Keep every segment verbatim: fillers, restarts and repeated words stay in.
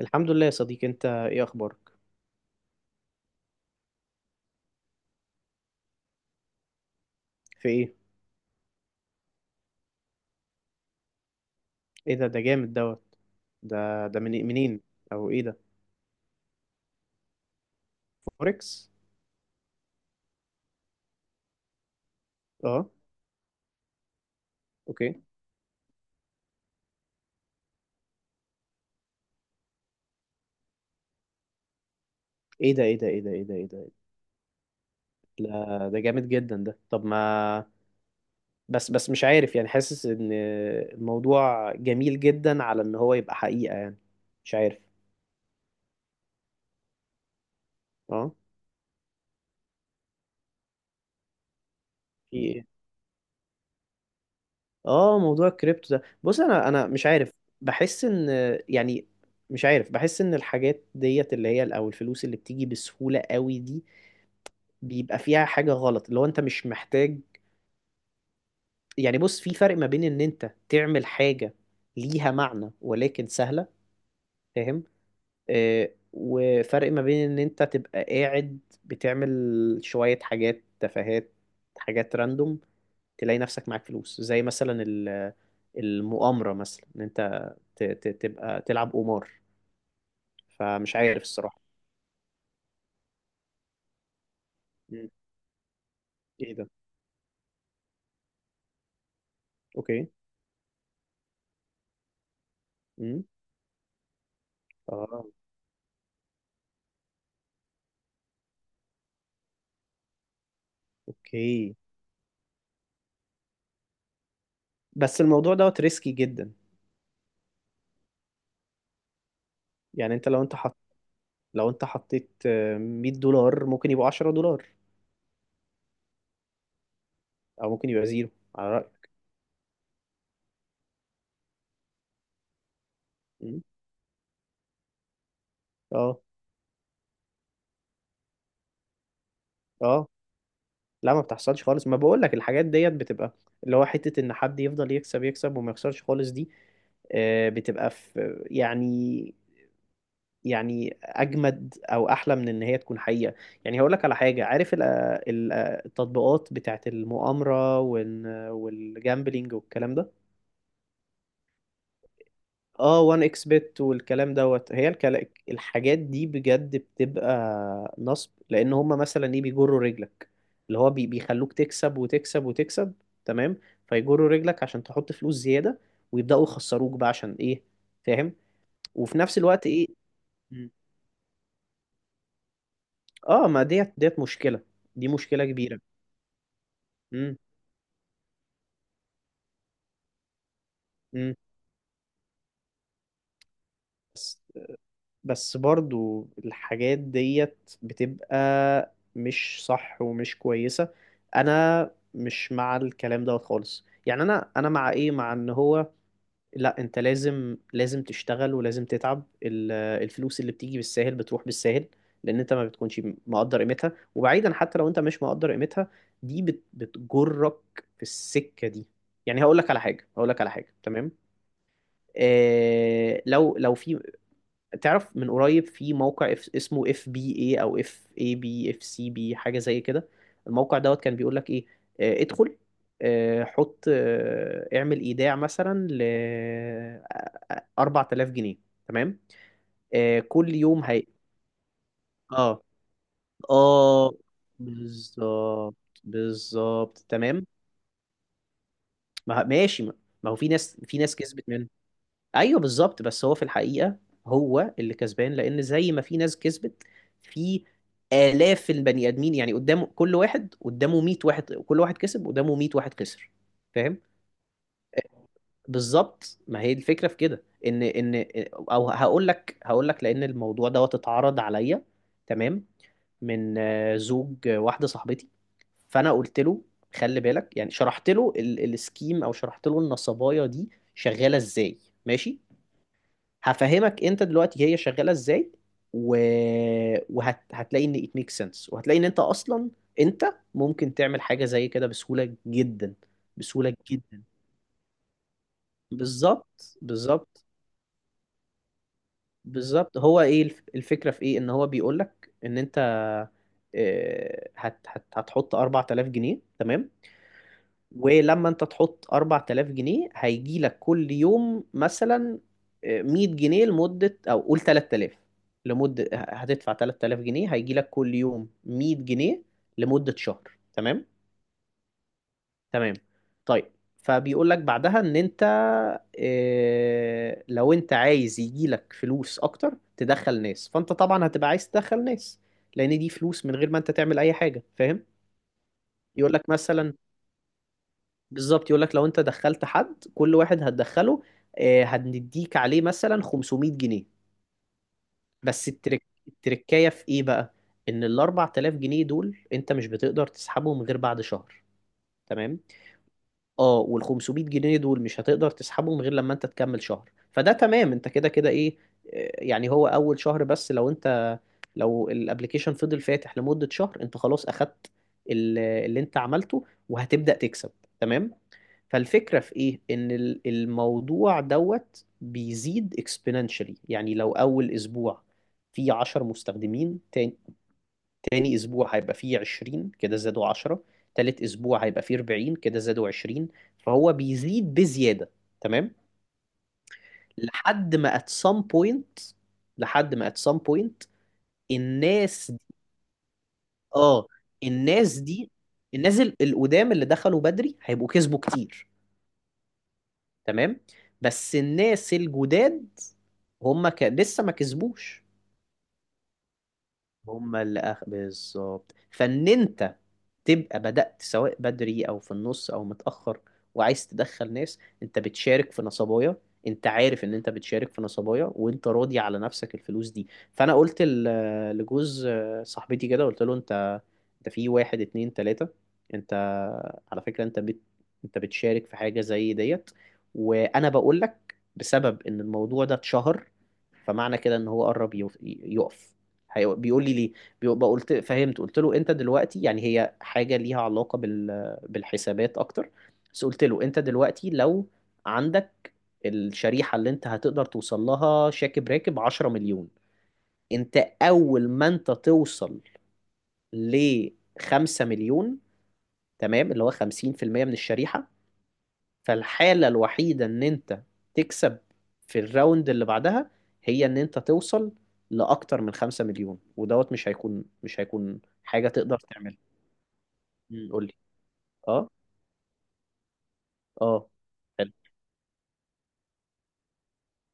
الحمد لله يا صديقي، انت ايه اخبارك؟ في ايه؟ ايه ده ده جامد دوت. ده ده من منين؟ او ايه ده؟ فوركس؟ اه. اوكي. ايه ده؟ ايه ده؟ ايه ده؟ ايه ده؟ ايه ده؟ لا، ده جامد جدا ده. طب ما بس بس مش عارف، يعني حاسس ان الموضوع جميل جدا على ان هو يبقى حقيقة، يعني مش عارف. اه. في ايه؟ اه، موضوع الكريبتو ده، بص انا انا مش عارف، بحس ان، يعني مش عارف، بحس ان الحاجات ديت اللي هي او الفلوس اللي بتيجي بسهولة قوي دي بيبقى فيها حاجة غلط، اللي هو انت مش محتاج. يعني بص، في فرق ما بين ان انت تعمل حاجة ليها معنى ولكن سهلة، فاهم؟ آه، وفرق ما بين ان انت تبقى قاعد بتعمل شوية حاجات تفاهات، حاجات راندوم، تلاقي نفسك معاك فلوس، زي مثلا ال- المؤامرة، مثلا ان انت ت- ت- تبقى تلعب قمار، فمش عارف الصراحة. مم. ايه ده؟ اوكي. امم اه. اوكي. بس الموضوع دوت ريسكي جدا، يعني انت لو انت حط لو انت حطيت آه، مية دولار، ممكن يبقوا عشرة دولار، او ممكن يبقى زيرو، على رأيك. م؟ اه، اه. لا، ما بتحصلش خالص، ما بقول لك الحاجات ديت بتبقى، اللي هو حتة ان حد يفضل يكسب يكسب وما يخسرش خالص دي، آه، بتبقى في يعني، يعني اجمد او احلى من ان هي تكون حقيقة. يعني هقول لك على حاجة. عارف ال- ال- التطبيقات بتاعت المؤامرة وال- والجامبلينج والكلام ده؟ اه، وان اكس بت والكلام دوت، هي الكلا... الحاجات دي بجد بتبقى نصب، لان هما مثلا ايه؟ بيجروا رجلك، اللي هو بي... بيخلوك تكسب وتكسب وتكسب، تمام؟ فيجروا رجلك عشان تحط فلوس زيادة، ويبدأوا يخسروك بقى، عشان ايه؟ فاهم؟ وفي نفس الوقت ايه. م. اه، ما ديت ديت مشكلة، دي مشكلة كبيرة. امم امم بس برضو الحاجات ديت بتبقى مش صح ومش كويسة. انا مش مع الكلام دوت خالص، يعني انا انا مع ايه، مع ان هو، لا انت لازم لازم تشتغل ولازم تتعب. ال- الفلوس اللي بتيجي بالساهل بتروح بالساهل، لان انت ما بتكونش مقدر قيمتها، وبعيدا حتى لو انت مش مقدر قيمتها، دي بت بتجرك في السكة دي. يعني هقول لك على حاجة هقول لك على حاجة، تمام. آه لو لو في، تعرف، من قريب، في موقع اف، اسمه اف بي اي، او اف اي بي، اف سي بي، حاجه زي كده، الموقع دوت كان بيقول لك ايه، آه، ادخل، آه، حط، آه، اعمل ايداع مثلا ل أربعة آلاف جنيه، تمام، آه، كل يوم هي. اه، اه، بالظبط، بالظبط، تمام. ما، ماشي، ما ما هو في ناس في ناس كسبت. ايوه، بالظبط، بس هو في الحقيقه هو اللي كسبان، لان زي ما في ناس كسبت، في آلاف البني آدمين، يعني قدامه، كل واحد قدامه مية واحد، كل واحد كسب قدامه مية واحد خسر، فاهم؟ بالظبط، ما هي الفكرة في كده، ان ان او هقول لك هقول لك لان الموضوع دوت اتعرض عليا، تمام، من آه، زوج آه، واحدة صاحبتي. فانا قلت له خلي بالك، يعني شرحت له ال- السكيم، او شرحت له النصبايه دي شغاله ازاي. ماشي، هفهمك انت دلوقتي هي شغاله ازاي. و... وهتلاقي ان it makes sense، وهتلاقي ان انت اصلا انت ممكن تعمل حاجه زي كده بسهوله جدا، بسهوله جدا. بالظبط، بالظبط. بالظبط، هو ايه الف- الفكره في ايه؟ ان هو بيقولك ان انت آه، هت... هت... هتحط أربعة آلاف جنيه، تمام. ولما انت تحط أربعتلاف جنيه، هيجي لك كل يوم مثلا مية جنيه لمدة، او قول تلت تلاف، لمدة، هتدفع تلت تلاف جنيه هيجي لك كل يوم مية جنيه لمدة شهر، تمام. تمام. طيب، فبيقول لك بعدها ان انت، اه، لو انت عايز يجي لك فلوس اكتر تدخل ناس، فانت طبعا هتبقى عايز تدخل ناس، لان دي فلوس من غير ما انت تعمل اي حاجة، فاهم. يقول لك مثلا بالظبط، يقول لك لو انت دخلت حد، كل واحد هتدخله آه، هنديك عليه مثلا خمسمية جنيه. بس الترك التركايه في ايه بقى، ان ال أربعة آلاف جنيه دول انت مش بتقدر تسحبهم غير بعد شهر، تمام. اه، وال خمسمية جنيه دول مش هتقدر تسحبهم غير لما انت تكمل شهر، فده تمام، انت كده كده ايه. آه، يعني هو اول شهر بس، لو انت لو الابلكيشن فضل فاتح لمدة شهر، انت خلاص اخدت ال- اللي انت عملته، وهتبدأ تكسب، تمام. فالفكرة في ايه؟ ان ال- الموضوع دوت بيزيد exponentially، يعني لو اول اسبوع في عشرة مستخدمين، تاني, تاني اسبوع هيبقى فيه عشرين، كده زادوا عشرة. تالت اسبوع هيبقى فيه أربعين، كده زادوا عشرين. فهو بيزيد بزيادة، تمام. لحد ما at some point لحد ما at some point، الناس دي اه الناس دي، الناس ال- القدام اللي دخلوا بدري هيبقوا كسبوا كتير، تمام. بس الناس الجداد، هما ك... لسه ما كسبوش، هما اللي أخ... بالظبط. فان انت تبقى بدأت سواء بدري أو في النص أو متأخر، وعايز تدخل ناس، أنت بتشارك في نصبايا. أنت عارف إن أنت بتشارك في نصبايا وأنت راضي على نفسك، الفلوس دي. فأنا قلت ل- لجوز صاحبتي كده، قلت له أنت أنت في واحد، اتنين، تلاتة، أنت على فكرة أنت بت... أنت بتشارك في حاجة زي ديت. وأنا بقول لك بسبب إن الموضوع ده اتشهر، فمعنى كده إن هو قرب يقف, يقف. هيق- بيقول لي ليه، بيبقى قلت فهمت، قلت له انت دلوقتي يعني هي حاجة ليها علاقة بال بالحسابات اكتر، بس قلت له انت دلوقتي لو عندك الشريحة اللي انت هتقدر توصل لها، شاكب راكب عشرة مليون، انت اول ما انت توصل ل خمسة مليون، تمام، اللي هو خمسين في المية من الشريحة، فالحالة الوحيدة ان انت تكسب في الراوند اللي بعدها، هي ان انت توصل لأكتر من خمسة مليون، ودوت مش هيكون مش هيكون حاجة تقدر تعملها. مم. قول لي. اه. اه. حلو.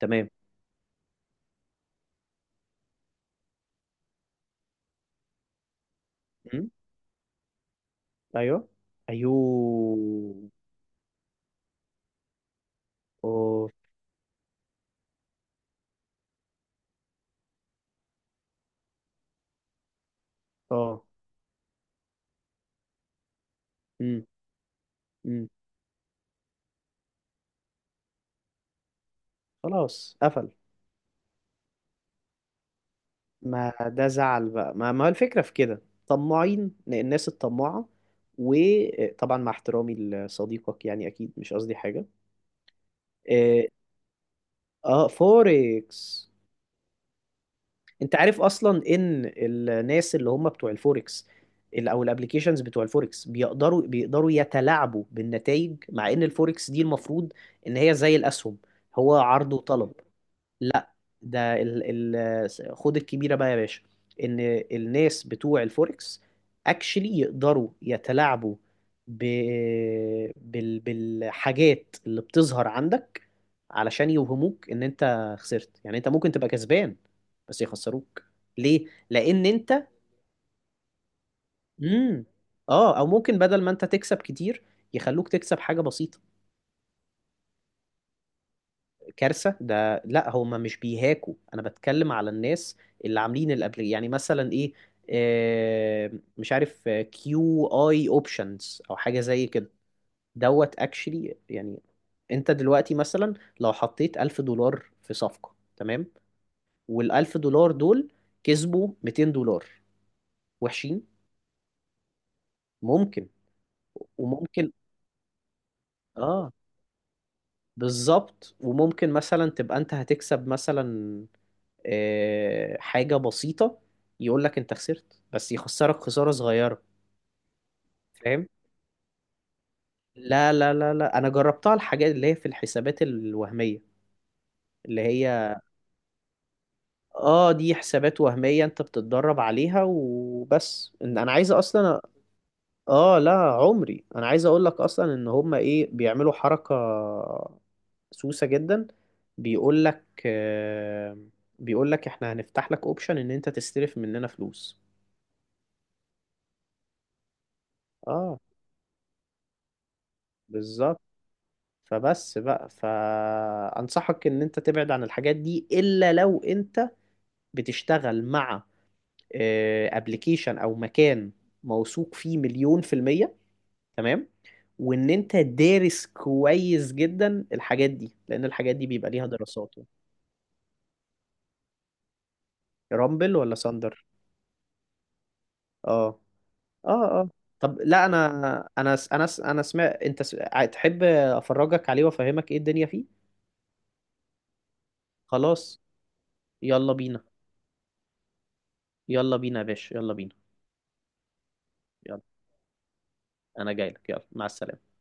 تمام. مم. ايوه. ايوه. اوف. اه. مم. مم. خلاص قفل. ما ده زعل بقى، ما ما هو الفكرة في كده، طماعين الناس الطماعة. وطبعا مع احترامي لصديقك، يعني اكيد مش قصدي حاجة. اه. آه، فوركس، انت عارف اصلا ان الناس اللي هم بتوع الفوركس، ال- او الابليكيشنز بتوع الفوركس بيقدروا بيقدروا يتلاعبوا بالنتائج، مع ان الفوركس دي المفروض ان هي زي الاسهم، هو عرض وطلب. لا، ده ال ال خد الكبيرة بقى يا باشا، ان الناس بتوع الفوركس اكشلي يقدروا يتلاعبوا ب... بال... بالحاجات اللي بتظهر عندك، علشان يوهموك ان انت خسرت. يعني انت ممكن تبقى كسبان بس يخسروك. ليه؟ لان انت. مم. اه، او ممكن بدل ما انت تكسب كتير، يخلوك تكسب حاجة بسيطة. كارثة، ده لا، هما مش بيهاكوا، انا بتكلم على الناس اللي عاملين الابلي، يعني مثلا ايه، آه، مش عارف، كيو اي اوبشنز او حاجة زي كده. دوت اكشلي، يعني انت دلوقتي مثلا لو حطيت ألف دولار في صفقة، تمام، والألف دولار دول كسبوا ميتين دولار، وحشين. ممكن، وممكن، اه، بالظبط، وممكن مثلا تبقى انت هتكسب مثلا آه، حاجة بسيطة، يقول لك انت خسرت بس يخسرك خسارة صغيرة، فاهم. لا، لا، لا، لا، انا جربتها، الحاجات اللي هي في الحسابات الوهمية، اللي هي اه، دي حسابات وهمية، انت بتتدرب عليها وبس، ان انا عايز اصلا. اه، لا عمري، انا عايز اقول لك اصلا ان هما ايه، بيعملوا حركة سوسة جدا. بيقول لك آه بيقول لك احنا هنفتح لك اوبشن ان انت تستلف مننا فلوس. اه، بالظبط. فبس بقى، فأنصحك إن أنت تبعد عن الحاجات دي، إلا لو أنت بتشتغل مع ابلكيشن أو مكان موثوق فيه مليون في المية، تمام، وإن أنت دارس كويس جدا الحاجات دي، لأن الحاجات دي بيبقى ليها دراسات يعني. رامبل ولا ساندر؟ آه. آه. آه. طب لا، أنا أنا س- أنا س- أنا سمعت، أنت س... ع- تحب أفرجك عليه وأفهمك إيه الدنيا فيه؟ خلاص، يلا بينا. يلا بينا يا باشا، يلا بينا. يلا. انا جاي لك. يلا، مع السلامه.